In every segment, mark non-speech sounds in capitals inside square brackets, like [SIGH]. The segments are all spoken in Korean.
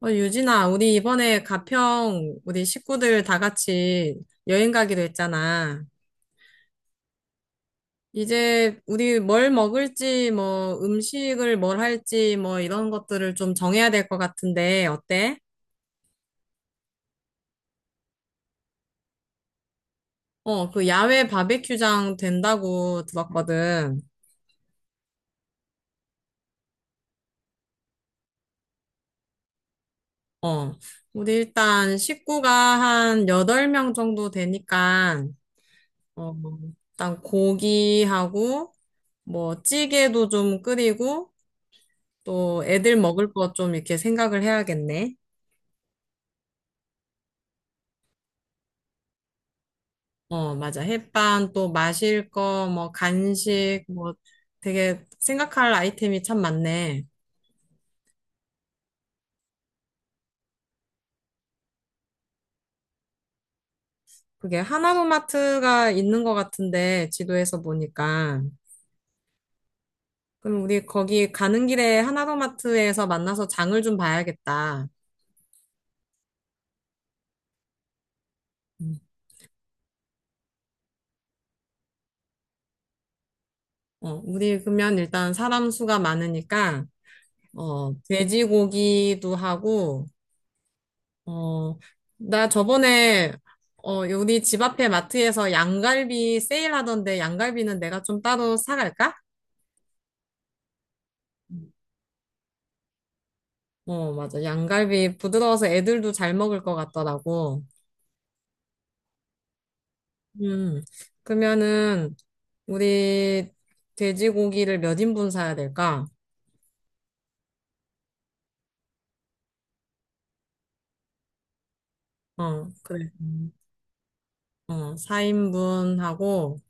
어, 유진아, 우리 이번에 가평 우리 식구들 다 같이 여행 가기로 했잖아. 이제 우리 뭘 먹을지, 뭐 음식을 뭘 할지, 뭐 이런 것들을 좀 정해야 될 것 같은데, 어때? 어, 그 야외 바베큐장 된다고 들었거든. 어, 우리 일단 식구가 한 8명 정도 되니까, 어, 일단 고기하고, 뭐 찌개도 좀 끓이고, 또 애들 먹을 거 좀 이렇게 생각을 해야겠네. 어, 맞아. 햇반, 또 마실 거, 뭐 간식, 뭐 되게 생각할 아이템이 참 많네. 그게 하나로마트가 있는 것 같은데, 지도에서 보니까. 그럼 우리 거기 가는 길에 하나로마트에서 만나서 장을 좀 봐야겠다. 음. 어, 우리 그러면 일단 사람 수가 많으니까, 어, 돼지고기도 하고, 어, 나 저번에, 우리 집 앞에 마트에서 양갈비 세일하던데 양갈비는 내가 좀 따로 사갈까? 어, 맞아. 양갈비 부드러워서 애들도 잘 먹을 것 같더라고. 음, 그러면은, 우리 돼지고기를 몇 인분 사야 될까? 어, 그래. 어, 4인분 하고,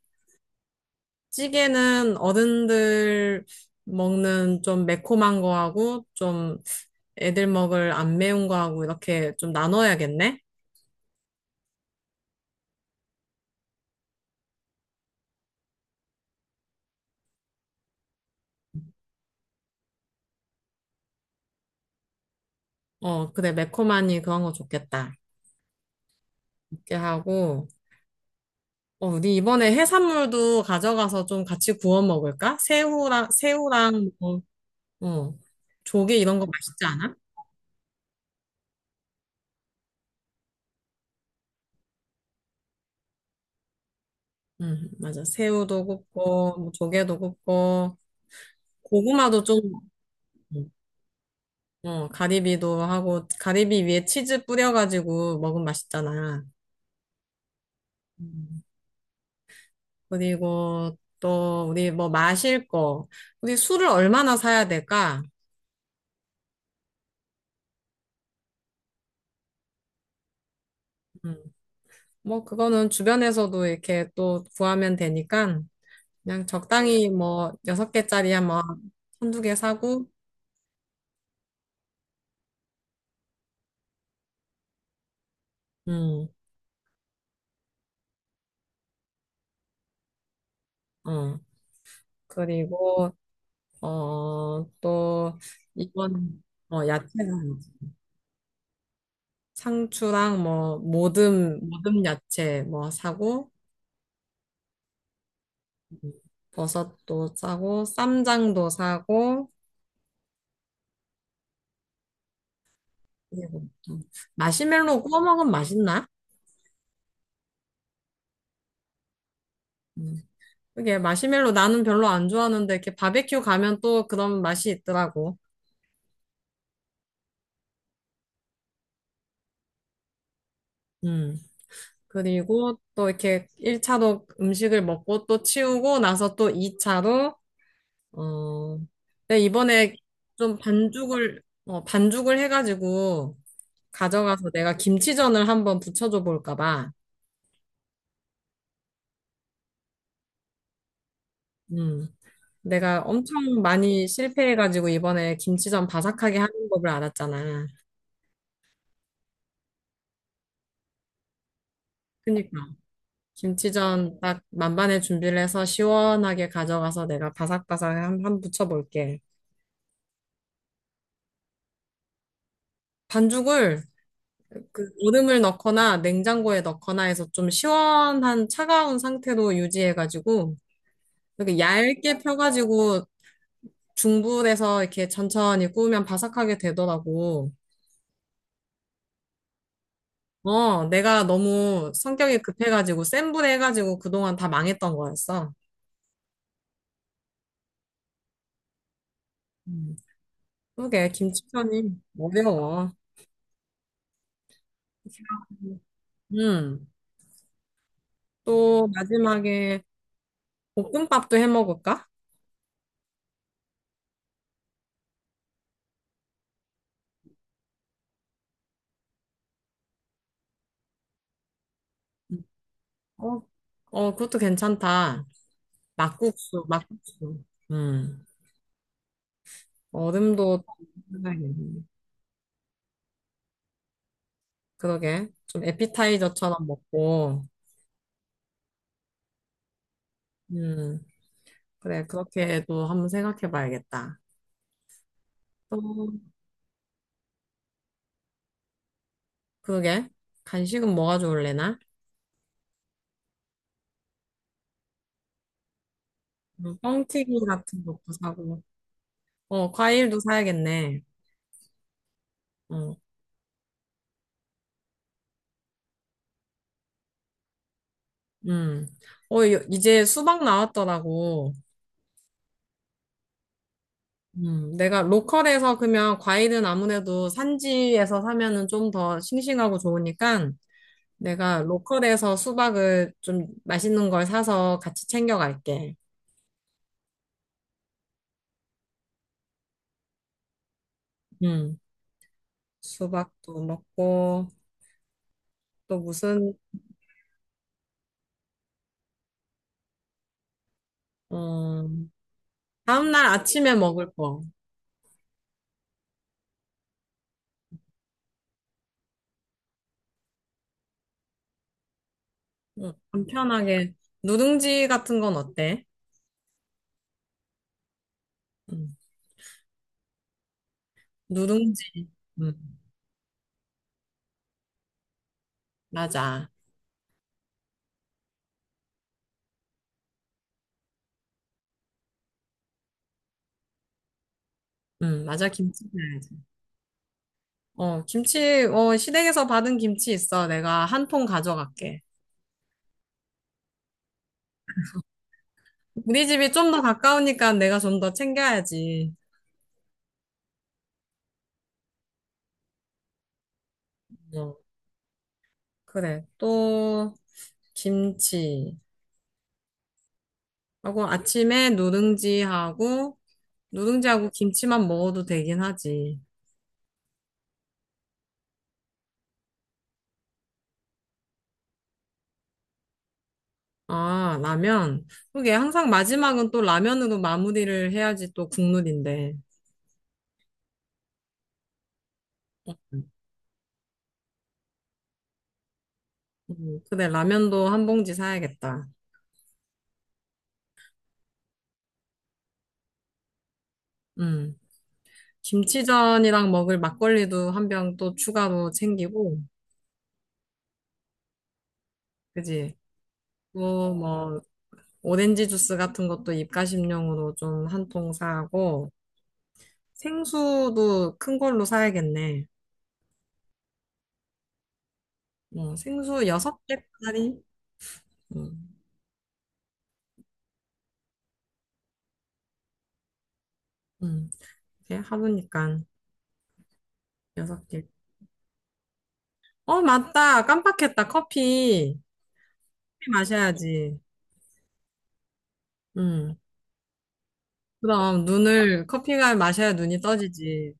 찌개는 어른들 먹는 좀 매콤한 거 하고, 좀 애들 먹을 안 매운 거하고 이렇게 좀 나눠야겠네? 어, 그래, 매콤하니 그런 거 좋겠다. 이렇게 하고, 어, 우리 이번에 해산물도 가져가서 좀 같이 구워 먹을까? 새우랑, 뭐, 어, 조개 이런 거 맛있지 않아? 응, 맞아. 새우도 굽고, 뭐 조개도 굽고, 고구마도 좀, 어, 가리비도 하고, 가리비 위에 치즈 뿌려가지고 먹으면 맛있잖아. 음. 그리고 또 우리 뭐 마실 거, 우리 술을 얼마나 사야 될까? 음, 뭐 그거는 주변에서도 이렇게 또 구하면 되니까 그냥 적당히 뭐 6개짜리 한뭐 한두 개 사고, 음, 어 그리고 어 또 이번 어 야채 사야지. 상추랑 뭐 모듬 야채 뭐 사고 음, 버섯도 사고 쌈장도 사고 이거부터. 마시멜로 구워 먹으면 맛있나? 음. 그게 마시멜로 나는 별로 안 좋아하는데 이렇게 바베큐 가면 또 그런 맛이 있더라고. 음. 그리고 또 이렇게 1차로 음식을 먹고 또 치우고 나서 또 2차로 어 근데 이번에 좀 반죽을 해가지고 가져가서 내가 김치전을 한번 부쳐줘 볼까 봐. 음. 내가 엄청 많이 실패해가지고 이번에 김치전 바삭하게 하는 법을 알았잖아. 그니까. 김치전 딱 만반의 준비를 해서 시원하게 가져가서 내가 바삭바삭 한 붙여볼게. 반죽을 그 얼음을 넣거나 냉장고에 넣거나 해서 좀 시원한 차가운 상태로 유지해가지고 이렇게 얇게 펴가지고 중불에서 이렇게 천천히 구우면 바삭하게 되더라고. 어, 내가 너무 성격이 급해가지고 센 불에 해가지고 그동안 다 망했던 거였어. 음. 그게 김치전이 어려워. [LAUGHS] 음. 또 마지막에 볶음밥도 해 먹을까? 음. 어, 어, 그것도 괜찮다. 막국수, 막국수. 음, 얼음도 생각해야겠네. 그러게. 좀 에피타이저처럼 먹고, 음, 그래. 그렇게도 한번 생각해 봐야겠다. 또, 그러게. 간식은 뭐가 좋을래나? 뻥튀기 같은 것도 사고, 어, 과일도 사야겠네. 어, 음. 어, 요- 이제 수박 나왔더라고. 내가 로컬에서 그러면 과일은 아무래도 산지에서 사면은 좀 더 싱싱하고 좋으니까 내가 로컬에서 수박을 좀 맛있는 걸 사서 같이 챙겨갈게. 음, 수박도 먹고 또 무슨 음, 다음날 아침에 먹을 거. 간편하게 누룽지 같은 건 어때? 음, 누룽지. 음, 맞아. 맞아. 김치 사야지 어, 김치, 어, 시댁에서 받은 김치 있어. 내가 한 통 가져갈게. 우리 집이 좀 더 가까우니까 내가 좀 더 챙겨야지. 어, 그래. 또, 김치. 하고 아침에 누룽지하고, 누룽지하고 김치만 먹어도 되긴 하지. 아, 라면. 그게 항상 마지막은 또 라면으로 마무리를 해야지 또 국룰인데. 음. 그래, 라면도 한 봉지 사야겠다. 음. 김치전이랑 먹을 막걸리도 한 병 또 추가로 챙기고, 그지? 또뭐 오렌지 주스 같은 것도 입가심용으로 좀 한 통 사고, 생수도 큰 걸로 사야겠네. 어, 생수 6개짜리? 음, 음, 이게 하루니까 6개. 어, 맞다. 깜빡했다. 커피. 커피 마셔야지. 음. 그럼 눈을, 커피가 마셔야 눈이 떠지지.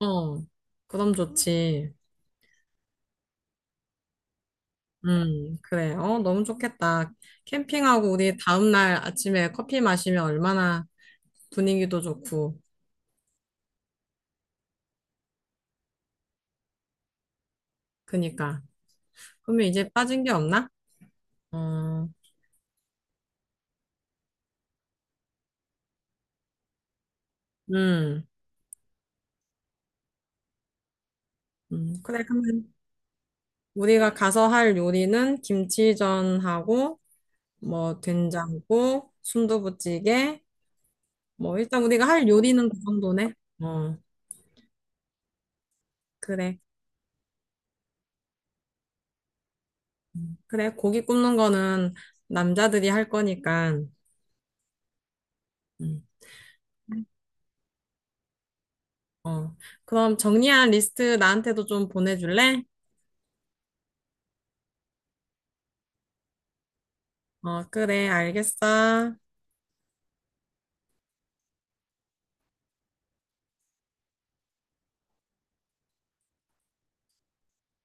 어, 그럼 좋지. 그래. 어, 너무 좋겠다. 캠핑하고 우리 다음날 아침에 커피 마시면 얼마나 분위기도 좋고. 그니까. 그러면 이제 빠진 게 없나? 어, 음, 그래, 그러면 우리가 가서 할 요리는 김치전하고, 뭐, 된장국, 순두부찌개, 뭐, 일단 우리가 할 요리는 그 정도네? 어, 그래. 그래, 고기 굽는 거는 남자들이 할 거니까, 음, 어. 그럼 정리한 리스트 나한테도 좀 보내줄래? 어, 그래, 알겠어.